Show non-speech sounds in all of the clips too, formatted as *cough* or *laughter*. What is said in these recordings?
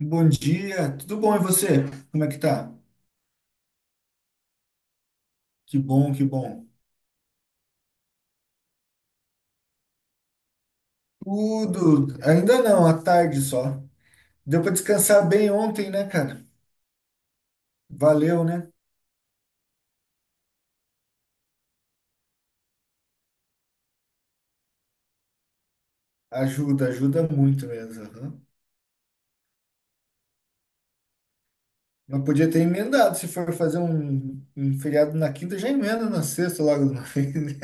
Bom dia, tudo bom e você? Como é que tá? Que bom, que bom. Tudo, ainda não, à tarde só. Deu pra descansar bem ontem, né, cara? Valeu, né? Ajuda, ajuda muito mesmo. Aham. Mas podia ter emendado, se for fazer um feriado na quinta, já emenda na sexta logo de uma *laughs* vez. Né?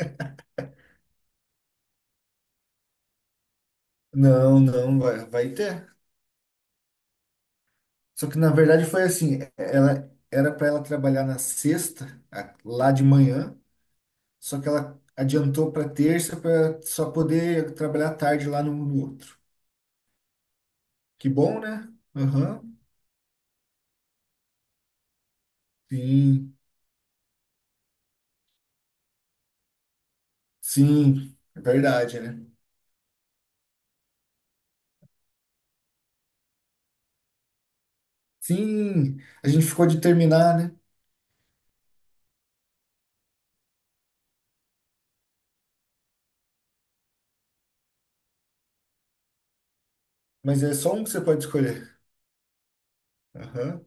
Não, não, vai, vai ter. Só que na verdade foi assim, ela era para ela trabalhar na sexta, lá de manhã. Só que ela adiantou para terça para só poder trabalhar tarde lá no outro. Que bom, né? Aham. Sim, sim, é verdade, né? Sim, a gente ficou de terminar, né? Mas é só um que você pode escolher. Aham,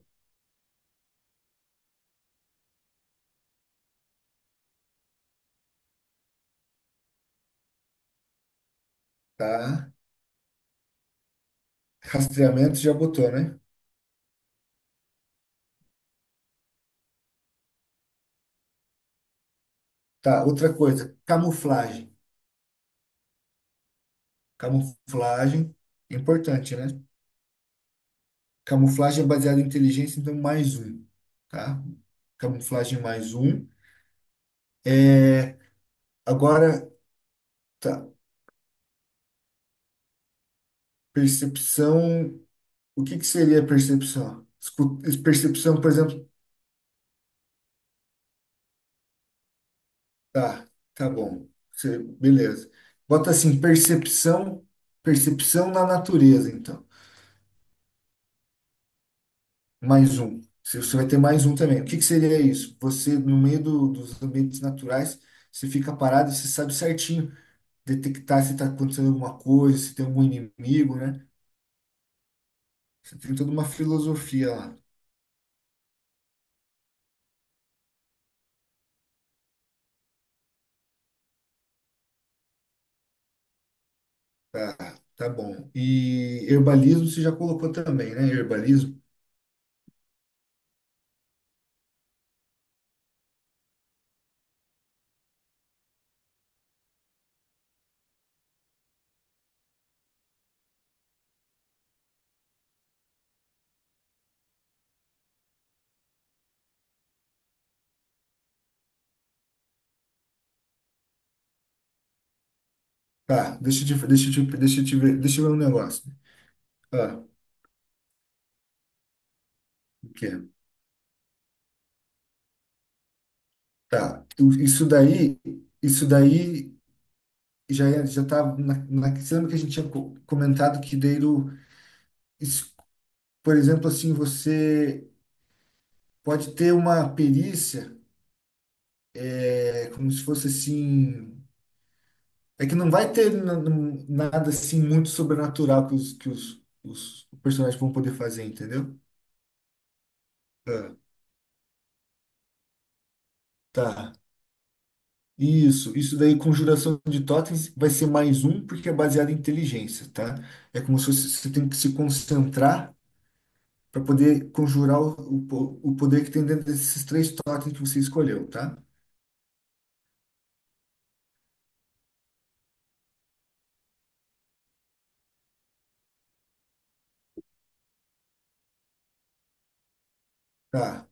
tá. Rastreamento já botou, né? Tá, outra coisa, camuflagem. Camuflagem, é importante, né? Camuflagem é baseada em inteligência, então mais um, tá? Camuflagem mais um. É, agora, tá. Percepção. O que que seria percepção? Percepção, por exemplo. Tá, tá bom. Beleza. Bota assim, percepção, percepção na natureza, então. Mais um. Você vai ter mais um também. O que que seria isso? Você, no meio dos ambientes naturais, você fica parado, você sabe certinho detectar se está acontecendo alguma coisa, se tem algum inimigo, né? Você tem toda uma filosofia lá. Tá, tá bom. E herbalismo você já colocou também, né? Herbalismo. Tá, deixa eu te, deixa eu te, deixa eu te ver, deixa eu ver um negócio. Ah, o quê? Tá, isso daí já tá na, você lembra que a gente tinha comentado que daí, isso, por exemplo, assim, você pode ter uma perícia, é como se fosse assim, é que não vai ter nada assim muito sobrenatural que os personagens vão poder fazer, entendeu? Ah, tá. Isso daí, conjuração de totens, vai ser mais um, porque é baseado em inteligência, tá? É como se você, você tem que se concentrar para poder conjurar o poder que tem dentro desses três totens que você escolheu, tá? Tá.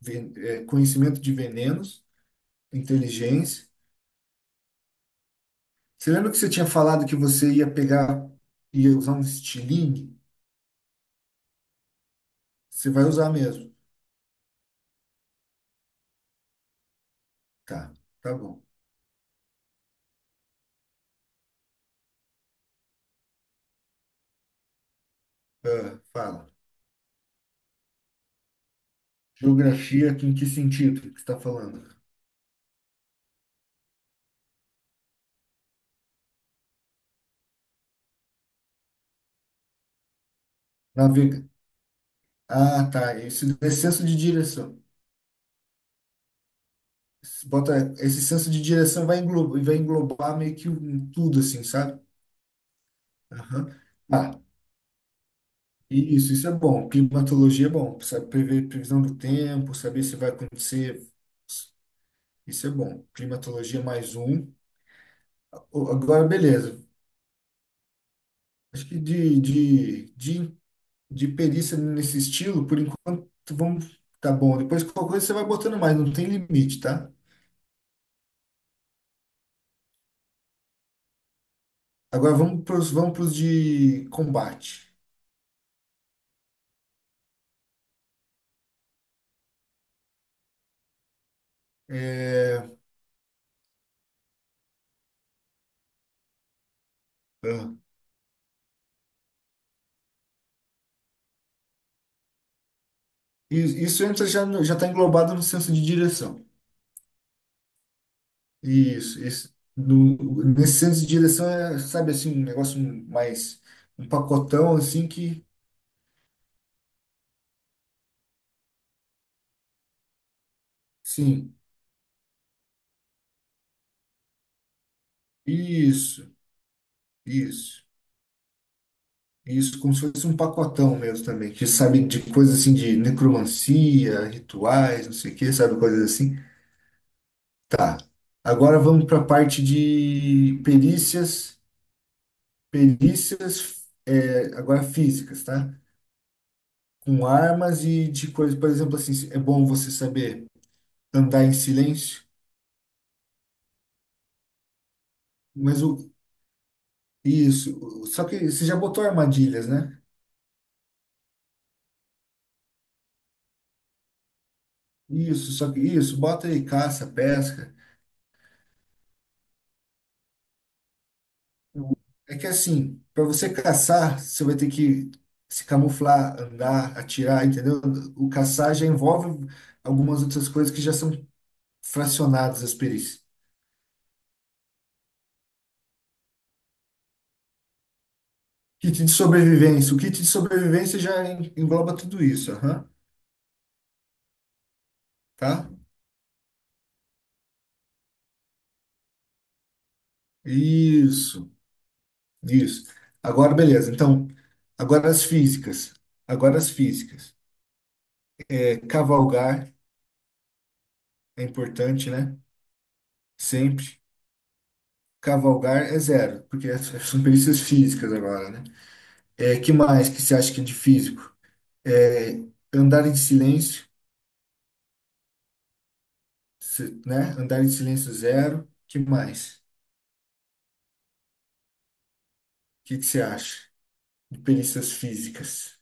É, conhecimento de venenos, inteligência. Você lembra que você tinha falado que você ia pegar, ia usar um estilingue? Você vai usar mesmo. Tá, tá bom. Ah, fala. Geografia, em que sentido que você está falando? Navega. Ah, tá. Esse senso de direção. Bota, esse senso de direção vai englobar meio que tudo, assim, sabe? Aham. Tá. E isso é bom. Climatologia é bom. Sabe, prever previsão do tempo, saber se vai acontecer. Isso é bom. Climatologia mais um. Agora, beleza. Acho que de perícia nesse estilo, por enquanto, vamos. Tá bom. Depois, qualquer coisa você vai botando mais, não tem limite, tá? Agora vamos para os vamos pros de combate. É, ah, isso entra já já está englobado no senso de direção. Isso no, nesse senso de direção é, sabe assim, um negócio mais um pacotão assim que, sim, isso, isso, isso como se fosse um pacotão mesmo também, que sabe de coisas assim de necromancia, rituais, não sei o que, sabe coisas assim. Tá. Agora vamos para a parte de perícias, perícias, é, agora físicas, tá? Com armas e de coisas, por exemplo, assim, é bom você saber andar em silêncio, mas o isso, só que você já botou armadilhas, né? Isso, só que isso, bota aí caça, pesca. É que assim, para você caçar, você vai ter que se camuflar, andar, atirar, entendeu? O caçar já envolve algumas outras coisas que já são fracionadas as perícias. Kit de sobrevivência. O kit de sobrevivência já engloba tudo isso, aham, tá? Isso. Isso. Agora, beleza. Então, agora as físicas. Agora as físicas. É, cavalgar é importante, né? Sempre. Cavalgar é zero, porque são perícias físicas agora, né? É, que mais que você acha que é de físico? É, andar em silêncio, né? Andar em silêncio, zero. Que mais? O que que você acha de perícias físicas?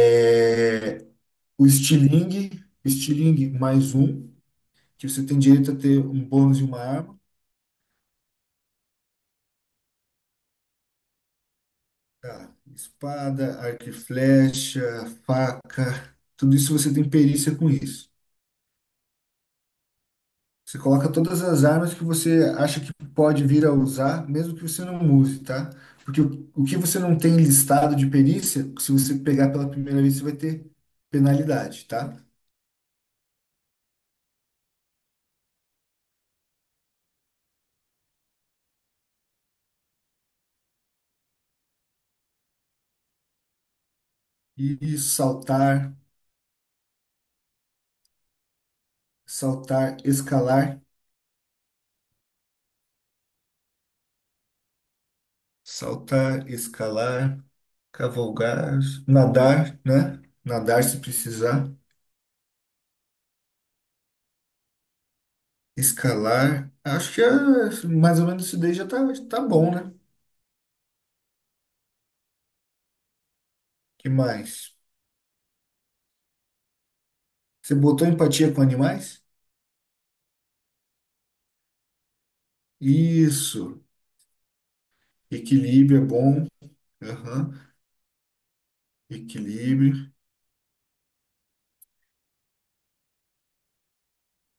É, o estilingue, estilingue mais um, que você tem direito a ter um bônus e uma arma. Tá. Espada, arco e flecha, faca, tudo isso você tem perícia com isso. Você coloca todas as armas que você acha que pode vir a usar, mesmo que você não use, tá? Porque o que você não tem listado de perícia, se você pegar pela primeira vez, você vai ter penalidade, tá? E saltar, saltar, escalar, saltar, escalar, cavalgar, nadar, né? Nadar se precisar escalar. Acho que é, mais ou menos isso daí já tá, tá bom, né? Que mais? Você botou empatia com animais? Isso. Equilíbrio é bom. Aham. Equilíbrio.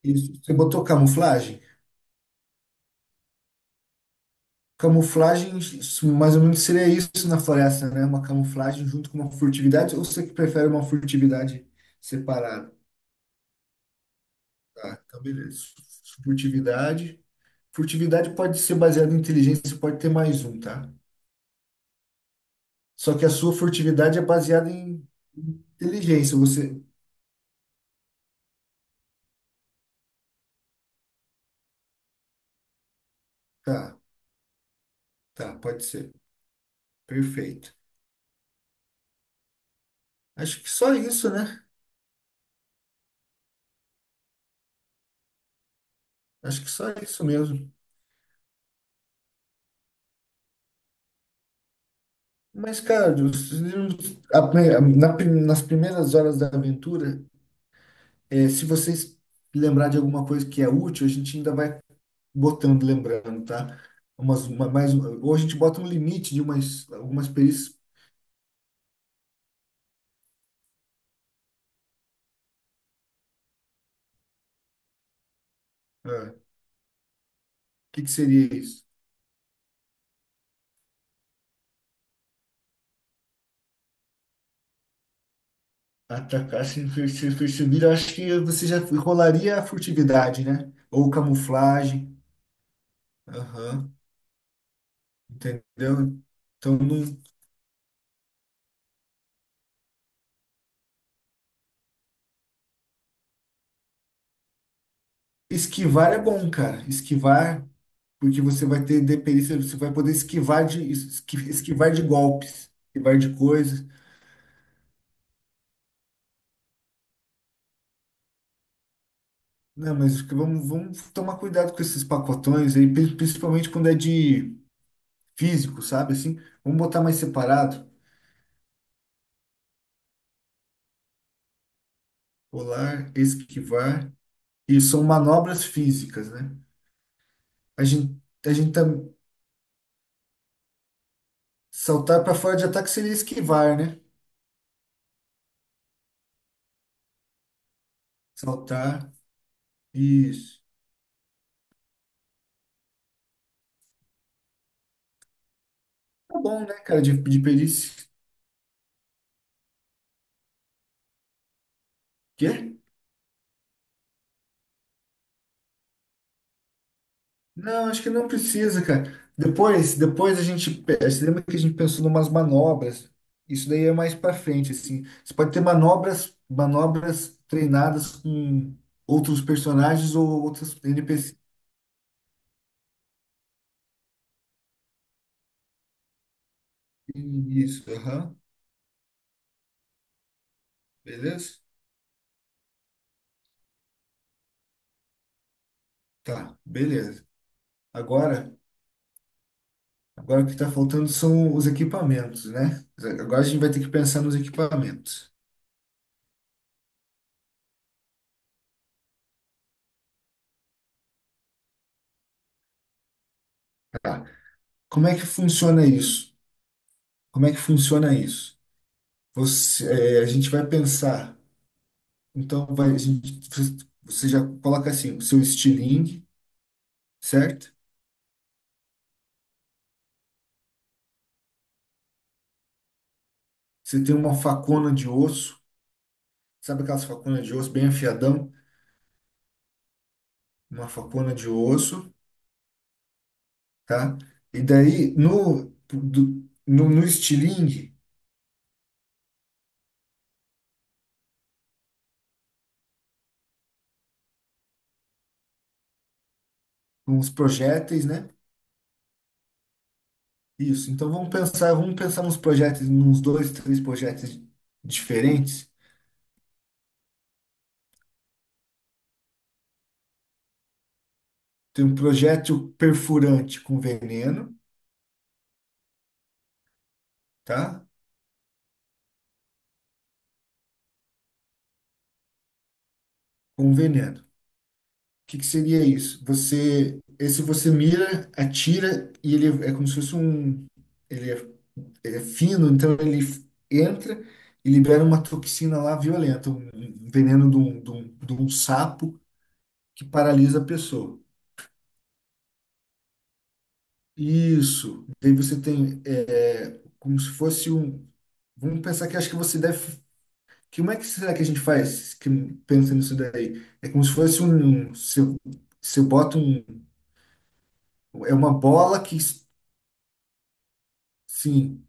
Isso. Você botou camuflagem? Camuflagem, isso mais ou menos seria isso na floresta, né? Uma camuflagem junto com uma furtividade, ou você que prefere uma furtividade separada? Tá, então beleza. Furtividade. Furtividade pode ser baseada em inteligência, pode ter mais um, tá? Só que a sua furtividade é baseada em inteligência. Você. Tá, tá, pode ser. Perfeito. Acho que só isso, né? Acho que só isso mesmo. Mas, cara, a- na- nas primeiras horas da aventura, é, se vocês lembrar de alguma coisa que é útil, a gente ainda vai botando, lembrando, tá? Umas, uma, mais, um, ou a gente bota um limite de umas, algumas perícias. Ah, o que que seria isso? Atacar sem ser percebido, eu acho que você já rolaria a furtividade, né? Ou camuflagem. Aham, entendeu? Então, não... Esquivar é bom, cara. Esquivar, porque você vai ter dependência, você vai poder esquivar de, esquivar de golpes, esquivar de coisas. Não, mas que vamos, vamos tomar cuidado com esses pacotões aí, principalmente quando é de físico, sabe? Assim, vamos botar mais separado. Rolar, esquivar. E são manobras físicas, né? A gente, a gente tá, saltar para fora de ataque seria esquivar, né? Saltar. Isso. Tá bom, né, cara, de perícia. Quê? Não, acho que não precisa, cara. Depois, depois a gente, você lembra que a gente pensou em umas manobras? Isso daí é mais para frente, assim. Você pode ter manobras, manobras treinadas com outros personagens ou outros NPCs. Isso, aham. Beleza? Tá, beleza. Agora agora o que está faltando são os equipamentos, né? Agora a gente vai ter que pensar nos equipamentos. Tá. Como é que funciona isso? Como é que funciona isso? Você, é, a gente vai pensar. Então, vai, a gente, você já coloca assim, o seu estilingue, certo? Você tem uma facona de osso, sabe aquelas faconas de osso bem afiadão? Uma facona de osso, tá? E daí, no estilingue, com os projéteis, né? Isso. Então vamos pensar nos projetos, nos dois, três projetos diferentes. Tem um projeto perfurante com veneno, tá? Com veneno. O que que seria isso? Você, esse você mira, atira e ele é como se fosse um, ele é, ele é fino, então ele entra e libera uma toxina lá violenta, um veneno de um sapo que paralisa a pessoa. Isso. Daí você tem é, como se fosse um. Vamos pensar que acho que você deve. Que, como é que será que a gente faz que, pensa nisso daí? É como se fosse se eu, se eu boto um. É uma bola que. Sim.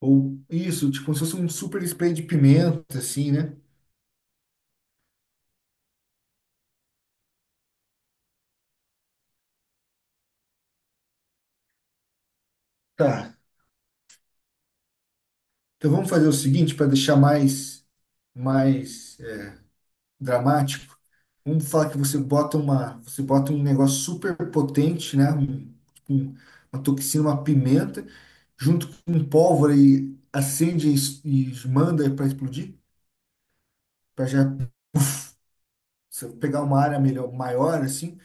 Ou isso, tipo, como se fosse um super spray de pimenta, assim, né? Tá. Então vamos fazer o seguinte para deixar mais, mais é, dramático. Vamos falar que você bota uma, você bota um negócio super potente, né? Um- uma toxina, uma pimenta, junto com um pólvora e acende e e manda para explodir, para já se pegar uma área melhor, maior, assim.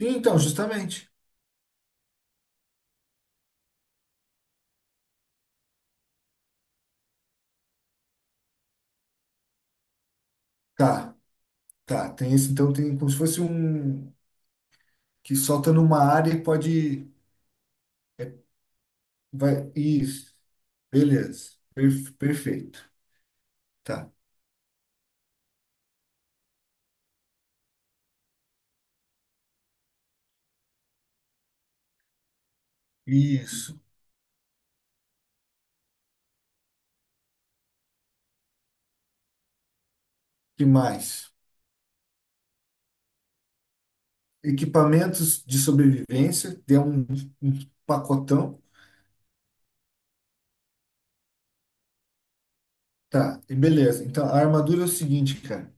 E então, justamente. Tá, tá. Tem esse, então tem como se fosse um que solta numa área e pode. É, vai, isso. Beleza. Perfeito. Tá. Isso. Que mais? Equipamentos de sobrevivência, tem um, um pacotão. Tá, e beleza. Então, a armadura é o seguinte, cara.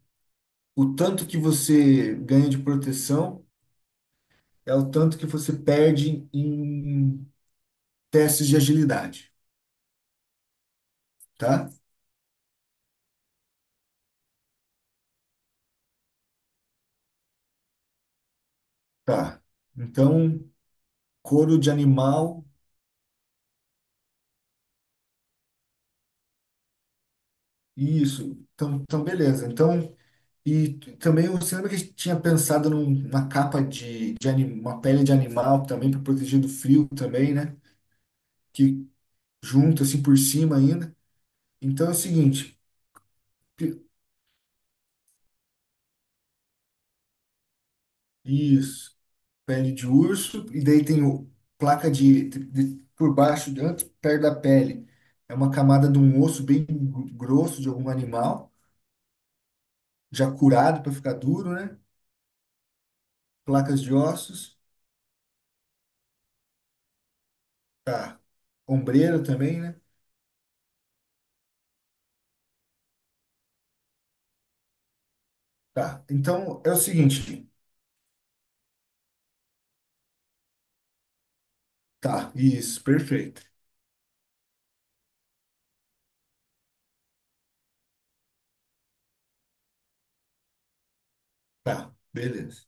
O tanto que você ganha de proteção é o tanto que você perde em testes de agilidade, tá? Tá. Então, couro de animal, isso. Então, então beleza. Então, e também você lembra que a gente tinha pensado numa capa uma pele de animal também para proteger do frio também, né? Que junto assim por cima ainda. Então é o seguinte, pi- isso, pele de urso, e daí tem placa por baixo, antes, perto da pele. É uma camada de um osso bem grosso de algum animal, já curado para ficar duro, né? Placas de ossos, tá. Ombreira também, né? Tá. Então é o seguinte, tá, isso, perfeito. Tá, beleza.